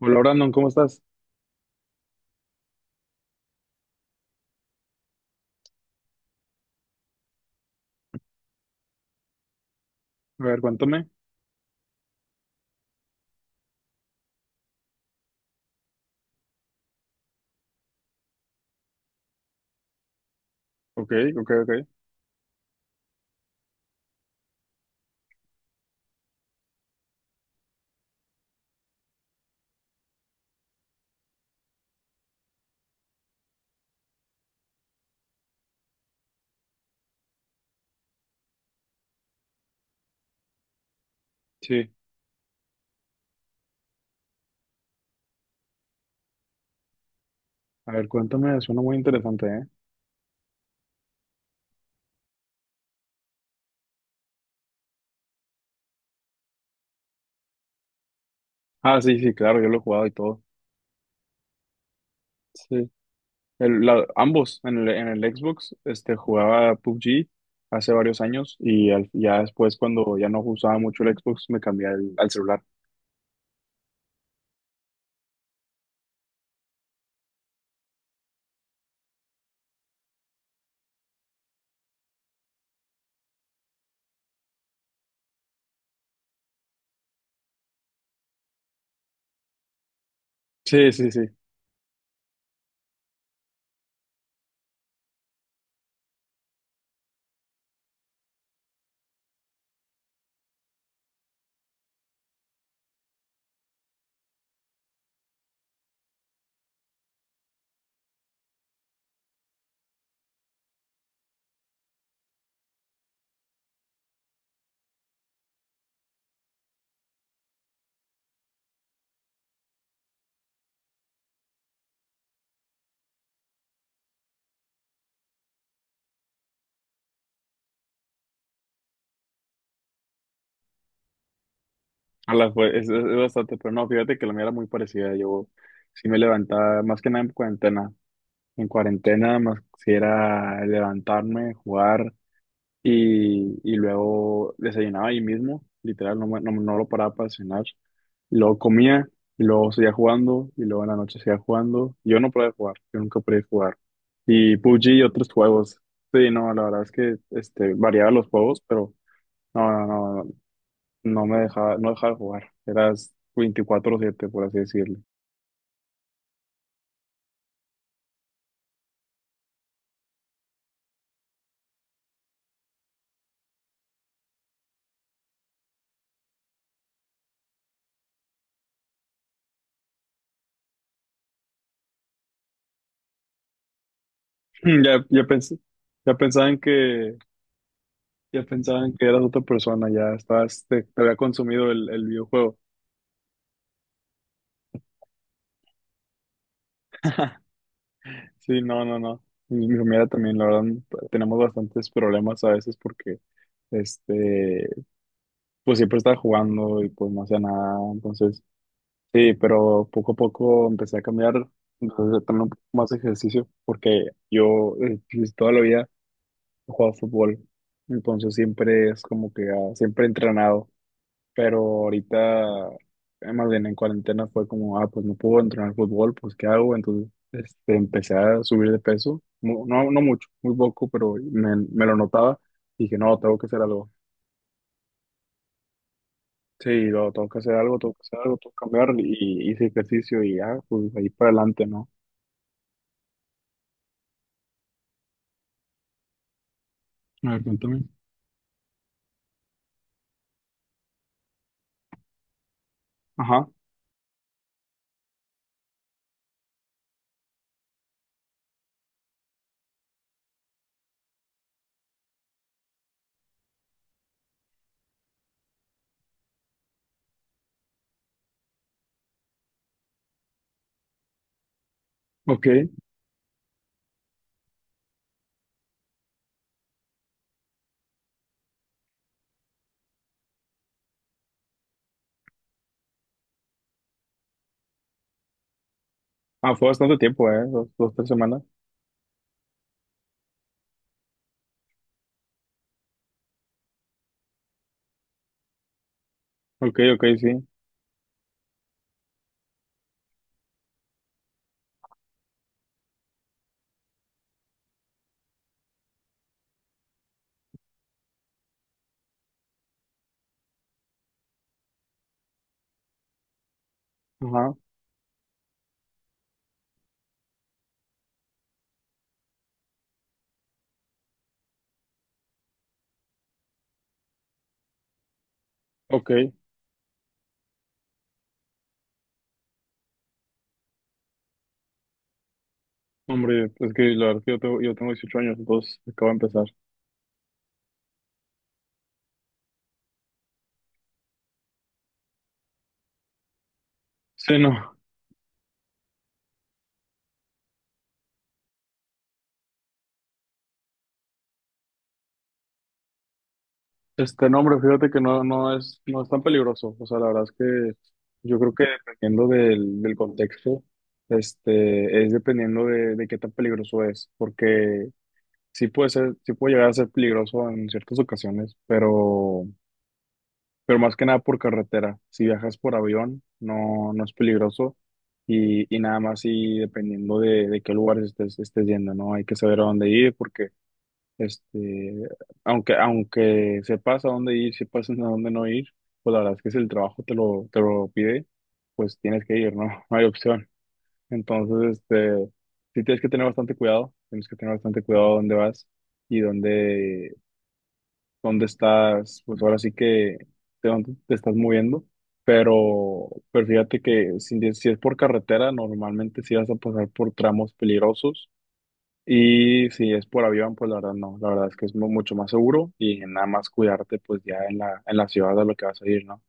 Hola Brandon, ¿cómo estás? A ver, cuéntame. Ok, ok, ok. Sí, a ver, cuéntame, suena muy interesante, ¿eh? Ah, sí, sí, claro, yo lo he jugado y todo. Sí, ambos, en el Xbox, este, jugaba PUBG hace varios años y ya después cuando ya no usaba mucho el Xbox me cambié al celular. Sí, sí, sí, a la, fue- es bastante, pero no, fíjate que la mía era muy parecida. Yo sí me levantaba, más que nada en cuarentena. En cuarentena más, si era levantarme, jugar. Y luego desayunaba ahí mismo, literal, no, no, no lo paraba para cenar. Y luego comía, y luego seguía jugando, y luego en la noche seguía jugando. Yo no podía jugar, yo nunca podía jugar. Y PUBG y otros juegos. Sí, no, la verdad es que este, variaba los juegos, pero no, no, no, no me dejaba, no dejaba de jugar. Eras 24/7, por así decirlo. Mm, ya, ya pensé. Ya pensaban que, ya pensaban que eras otra persona, ya estabas, te había consumido el videojuego. Sí, no, no, no. Mi familia también, la verdad, tenemos bastantes problemas a veces porque, este, pues siempre estaba jugando y pues no hacía nada. Entonces, sí, pero poco a poco empecé a cambiar, entonces a tener un poco más de ejercicio, porque yo pues, toda la vida he jugado fútbol. Entonces siempre es como que ah, siempre he entrenado, pero ahorita, más bien en cuarentena fue como, ah, pues no puedo entrenar fútbol, pues ¿qué hago? Entonces, este, empecé a subir de peso, no, no mucho, muy poco, pero me lo notaba y dije, no, tengo que hacer algo. Sí, no, tengo que hacer algo, tengo que hacer algo, tengo que cambiar y hice ejercicio y ya, pues ahí para adelante, ¿no? A ver, cuéntame. Ajá, ok. Ah, fue bastante tiempo, ¿eh? 2, 2, 3 semanas. Ok, ok, sí. Ajá, ok. Hombre, es que la verdad es que yo tengo 18 años, entonces acabo de empezar. Sí, no. Este nombre, fíjate que no, no es tan peligroso. O sea, la verdad es que yo creo que dependiendo del contexto, este, es dependiendo de qué tan peligroso es. Porque sí puede ser, sí puede llegar a ser peligroso en ciertas ocasiones, pero, más que nada por carretera. Si viajas por avión, no, no es peligroso. Y nada más, y dependiendo de qué lugares estés yendo, ¿no? Hay que saber a dónde ir, porque este, aunque sepas a dónde ir, sepas a dónde no ir, pues la verdad es que si el trabajo te lo pide, pues tienes que ir, ¿no? No hay opción. Entonces, este, sí tienes que tener bastante cuidado, tienes que tener bastante cuidado a dónde vas y dónde estás, pues ahora sí que de dónde te estás moviendo. Pero fíjate que si es por carretera, normalmente sí vas a pasar por tramos peligrosos, y si es por avión, pues la verdad no, la verdad es que es mucho más seguro, y nada más cuidarte pues ya en la ciudad a lo que vas a ir, ¿no?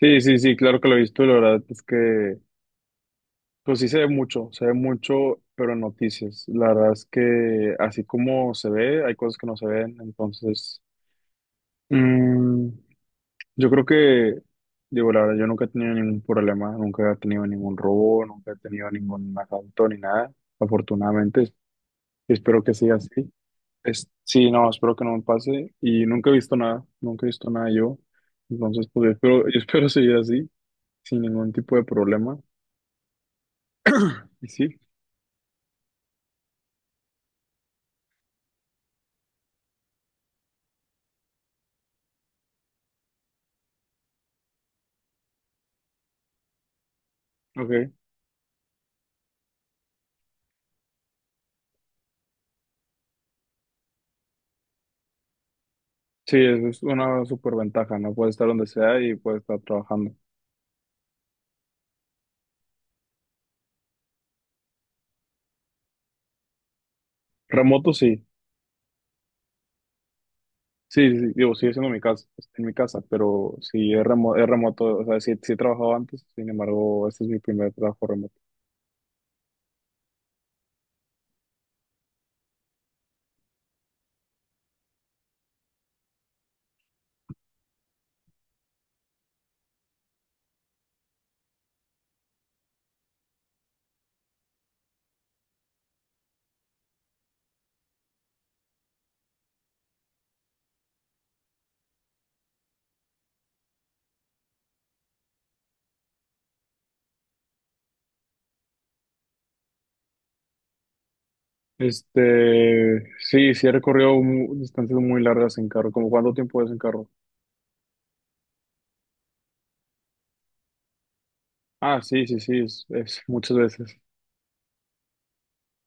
Sí, sí, sí, claro que lo he visto, y la verdad es que pues sí se ve mucho, pero en noticias, la verdad es que así como se ve, hay cosas que no se ven. Entonces, mm, yo creo que, digo, la verdad, yo nunca he tenido ningún problema, nunca he tenido ningún robo, nunca he tenido ningún asalto ni nada, afortunadamente, y espero que siga así. Sí, no, espero que no me pase. Y nunca he visto nada, nunca he visto nada yo. Entonces, pues yo espero, yo espero seguir así, sin ningún tipo de problema. Y sí, ok. Sí, eso es una super ventaja, ¿no? Puedes estar donde sea y puedes estar trabajando. Remoto, sí. Sí, sí, sí, digo, sigue siendo mi casa, en mi casa, pero sí es es remoto, o sea, sí, sí he trabajado antes, sin embargo, este es mi primer trabajo remoto. Este, sí, sí he recorrido distancias muy largas en carro. ¿Como cuánto tiempo es en carro? Ah, sí, sí, sí, es muchas veces. Es,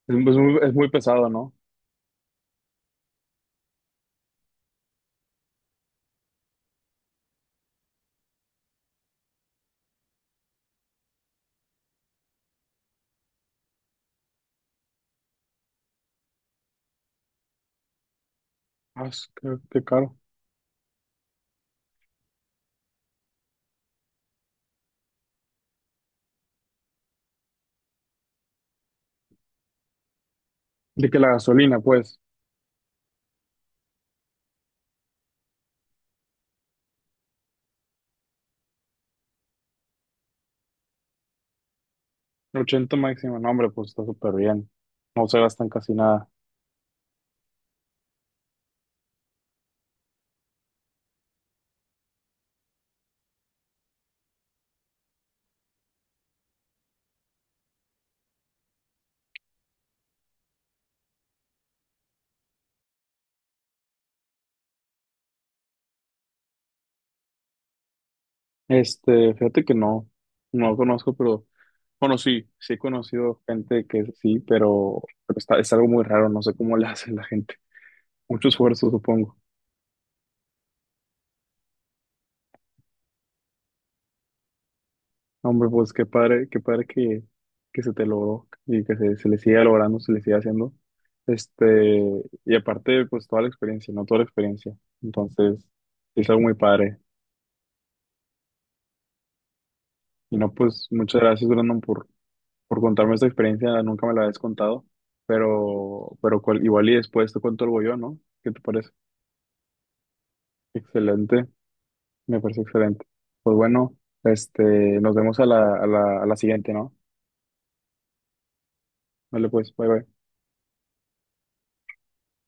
es muy, es muy pesado, ¿no? Ah, qué caro. De que la gasolina, pues, 80 máximo, no, hombre, pues está súper bien. No se gastan casi nada. Este, fíjate que no, no conozco, pero, bueno, sí, sí he conocido gente que sí, pero es algo muy raro, no sé cómo le hace la gente. Mucho esfuerzo, supongo. Hombre, pues qué padre que se te logró, y que se le siga logrando, se le siga haciendo. Este, y aparte, pues toda la experiencia, ¿no? Toda la experiencia. Entonces, es algo muy padre. Y no, pues muchas gracias, Brandon, por contarme esta experiencia. Nunca me la habías contado, pero igual y después te cuento algo yo, ¿no? ¿Qué te parece? Excelente, me parece excelente. Pues bueno, este, nos vemos a la siguiente, ¿no? Vale, pues, bye bye.